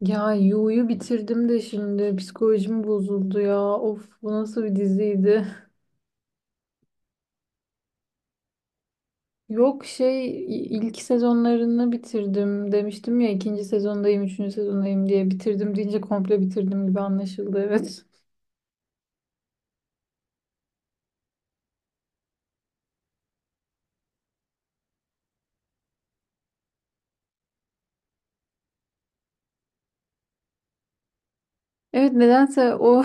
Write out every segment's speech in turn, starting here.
Ya Yu'yu bitirdim de şimdi psikolojim bozuldu ya. Of, bu nasıl bir diziydi? Yok şey ilk sezonlarını bitirdim demiştim ya, ikinci sezondayım, üçüncü sezondayım diye. Bitirdim deyince komple bitirdim gibi anlaşıldı, evet. Evet, nedense o.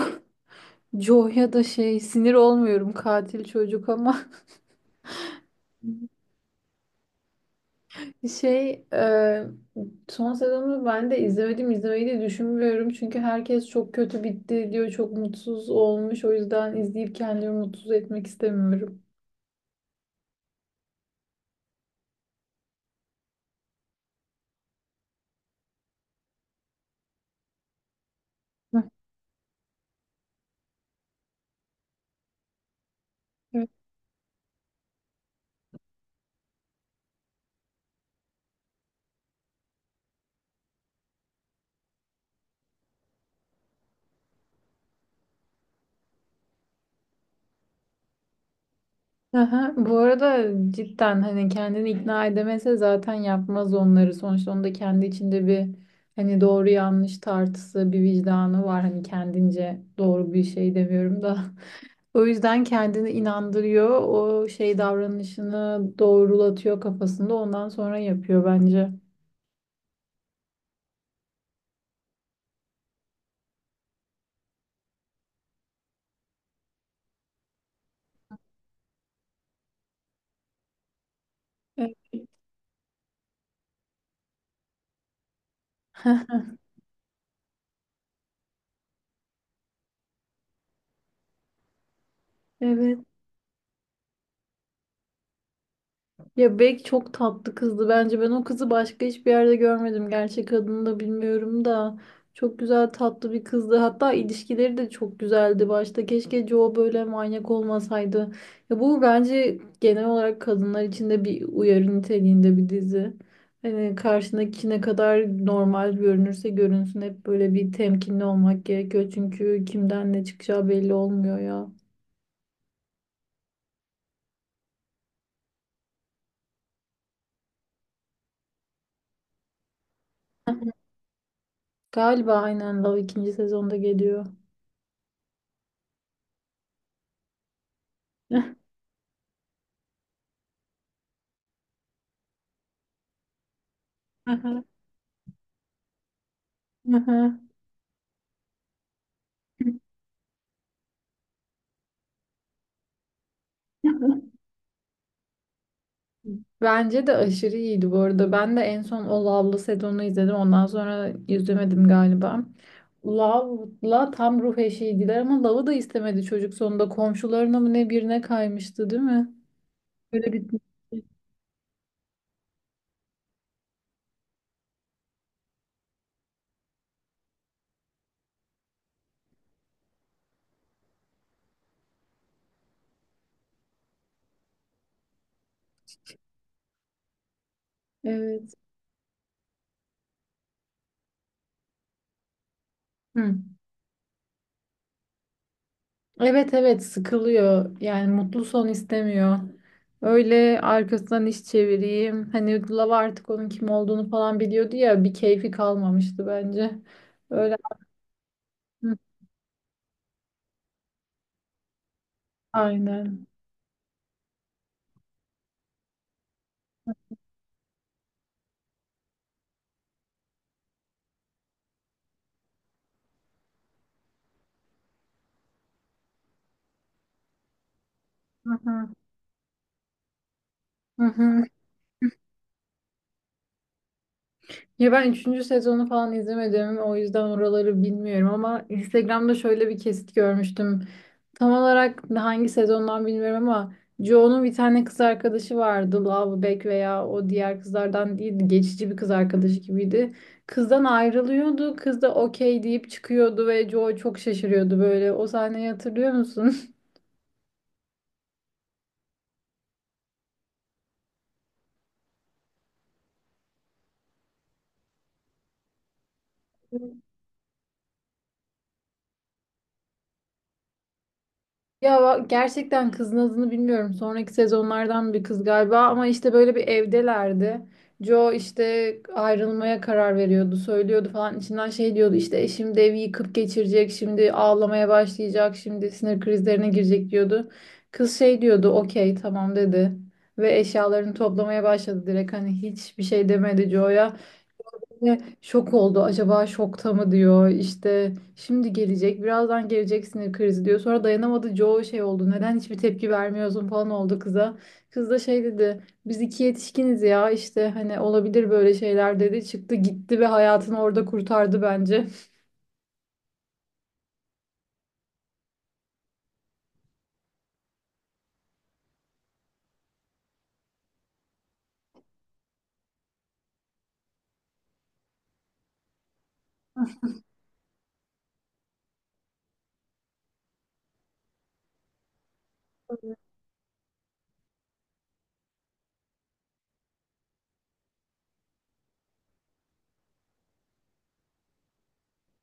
Jo'ya da şey, sinir olmuyorum katil çocuk ama. Şey, e, Son sezonu ben de izlemedim, izlemeyi de düşünmüyorum. Çünkü herkes çok kötü bitti diyor, çok mutsuz olmuş. O yüzden izleyip kendimi mutsuz etmek istemiyorum. Hı. Evet. Aha, bu arada cidden hani kendini ikna edemese zaten yapmaz onları. Sonuçta onda kendi içinde bir, hani doğru yanlış tartısı, bir vicdanı var. Hani kendince doğru bir şey demiyorum da. O yüzden kendini inandırıyor. O şey davranışını doğrulatıyor kafasında. Ondan sonra yapıyor bence. Evet. Evet. Ya Bek çok tatlı kızdı bence. Ben o kızı başka hiçbir yerde görmedim. Gerçek adını da bilmiyorum da. Çok güzel tatlı bir kızdı. Hatta ilişkileri de çok güzeldi başta. Keşke Joe böyle manyak olmasaydı. Ya bu bence genel olarak kadınlar için de bir uyarı niteliğinde bir dizi. Hani karşındaki ne kadar normal görünürse görünsün hep böyle bir temkinli olmak gerekiyor. Çünkü kimden ne çıkacağı belli olmuyor ya. Galiba aynen, Love ikinci sezonda geliyor. Bence de aşırı iyiydi bu arada. Ben de en son o Love'lı sezonunu izledim. Ondan sonra izlemedim galiba. Love'la tam ruh eşiydiler ama Love'ı da istemedi çocuk sonunda. Komşularına mı ne birine kaymıştı, değil mi? Böyle bitmişti. Evet. Hı. Evet, evet, sıkılıyor. Yani mutlu son istemiyor. Öyle arkasından iş çevireyim. Hani Love artık onun kim olduğunu falan biliyordu ya. Bir keyfi kalmamıştı bence. Öyle. Hı. Aynen. Hı hı. Hı hı. Ya ben üçüncü sezonu falan izlemedim. O yüzden oraları bilmiyorum ama Instagram'da şöyle bir kesit görmüştüm. Tam olarak hangi sezondan bilmiyorum ama Joe'nun bir tane kız arkadaşı vardı. Love veya o diğer kızlardan değildi. Geçici bir kız arkadaşı gibiydi. Kızdan ayrılıyordu. Kız da okey deyip çıkıyordu ve Joe çok şaşırıyordu böyle. O sahneyi hatırlıyor musun? Gerçekten kızın adını bilmiyorum. Sonraki sezonlardan bir kız galiba ama işte böyle bir evdelerdi. Joe işte ayrılmaya karar veriyordu, söylüyordu falan. İçinden şey diyordu, işte eşim de evi yıkıp geçirecek, şimdi ağlamaya başlayacak, şimdi sinir krizlerine girecek diyordu. Kız şey diyordu, okey tamam dedi. Ve eşyalarını toplamaya başladı direkt, hani hiçbir şey demedi Joe'ya. Ve şok oldu. Acaba şokta mı diyor. İşte şimdi gelecek. Birazdan gelecek sinir krizi diyor. Sonra dayanamadı. Joe şey oldu, neden hiçbir tepki vermiyorsun falan oldu kıza. Kız da şey dedi, biz iki yetişkiniz ya. İşte hani olabilir böyle şeyler dedi. Çıktı gitti ve hayatını orada kurtardı bence.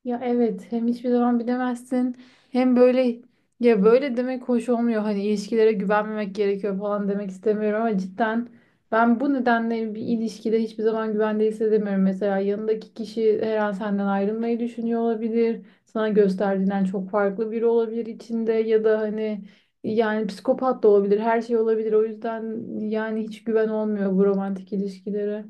Ya evet, hem hiçbir zaman bilemezsin, hem böyle, ya böyle demek hoş olmuyor, hani ilişkilere güvenmemek gerekiyor falan demek istemiyorum ama cidden ben bu nedenle bir ilişkide hiçbir zaman güvende hissedemiyorum. Mesela yanındaki kişi her an senden ayrılmayı düşünüyor olabilir. Sana gösterdiğinden çok farklı biri olabilir içinde, ya da hani, yani psikopat da olabilir, her şey olabilir. O yüzden yani hiç güven olmuyor bu romantik ilişkilere.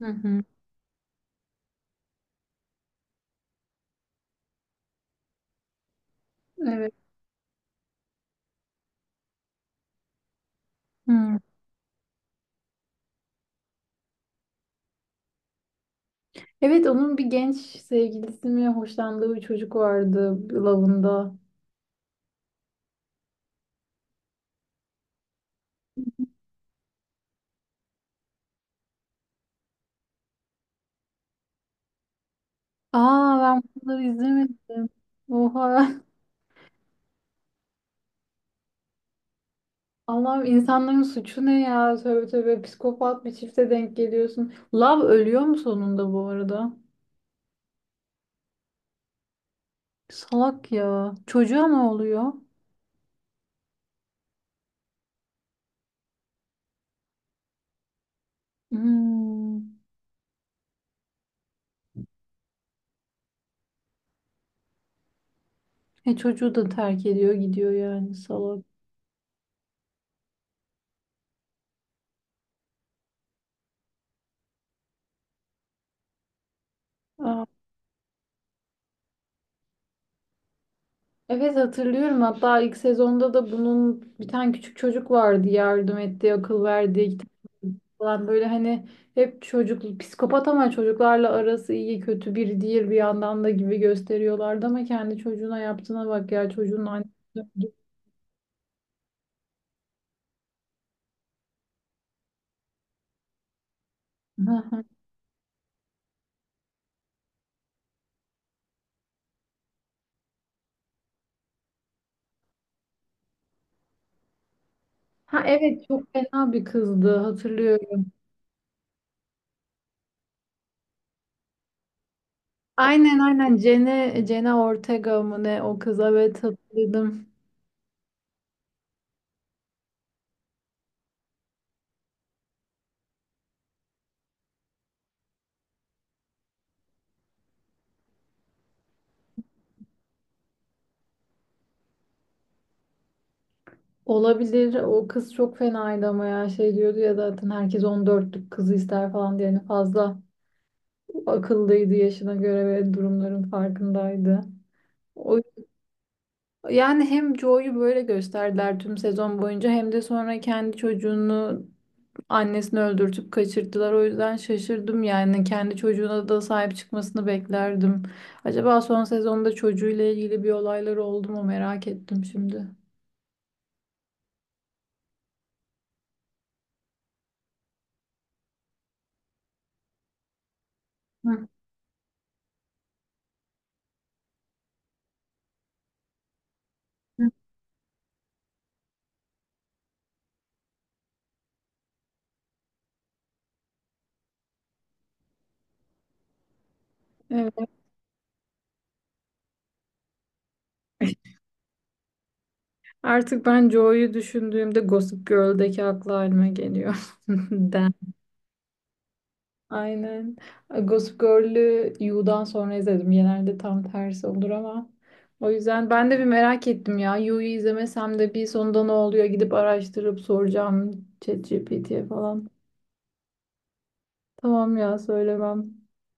Hı hı. Evet. Evet, onun bir genç sevgilisi mi, hoşlandığı bir çocuk vardı Love'ında. Aa, ben bunları izlemedim. Oha. Allah'ım insanların suçu ne ya? Tövbe tövbe, psikopat bir çifte denk geliyorsun. Love ölüyor mu sonunda bu arada? Salak ya. Çocuğa ne oluyor? Hmm. E çocuğu da terk ediyor gidiyor yani, salak. Aa. Evet, hatırlıyorum. Hatta ilk sezonda da bunun bir tane küçük çocuk vardı yardım ettiği, akıl verdiği, kitap falan, böyle hani hep çocuk psikopat ama çocuklarla arası iyi, kötü biri değil bir yandan da gibi gösteriyorlardı ama kendi çocuğuna yaptığına bak ya, çocuğun annesi öldü. Ha evet, çok fena bir kızdı, hatırlıyorum. Aynen aynen, Jenna, Jenna Ortega mı ne o kız, evet hatırladım. Olabilir. O kız çok fenaydı ama ya şey diyordu ya, zaten herkes 14'lük kızı ister falan diye. Yani fazla akıllıydı yaşına göre ve durumların farkındaydı. O, yani hem Joe'yu böyle gösterdiler tüm sezon boyunca, hem de sonra kendi çocuğunu, annesini öldürtüp kaçırttılar. O yüzden şaşırdım, yani kendi çocuğuna da sahip çıkmasını beklerdim. Acaba son sezonda çocuğuyla ilgili bir olaylar oldu mu merak ettim şimdi. Hı hı. Evet. Artık ben Joe'yu düşündüğümde Gossip Girl'deki aklı halime geliyor. Den. Aynen. Gossip Girl'ü You'dan sonra izledim. Genelde tam tersi olur ama. O yüzden ben de bir merak ettim ya. You'yu izlemesem de bir, sonunda ne oluyor? Gidip araştırıp soracağım ChatGPT'ye falan. Tamam ya, söylemem.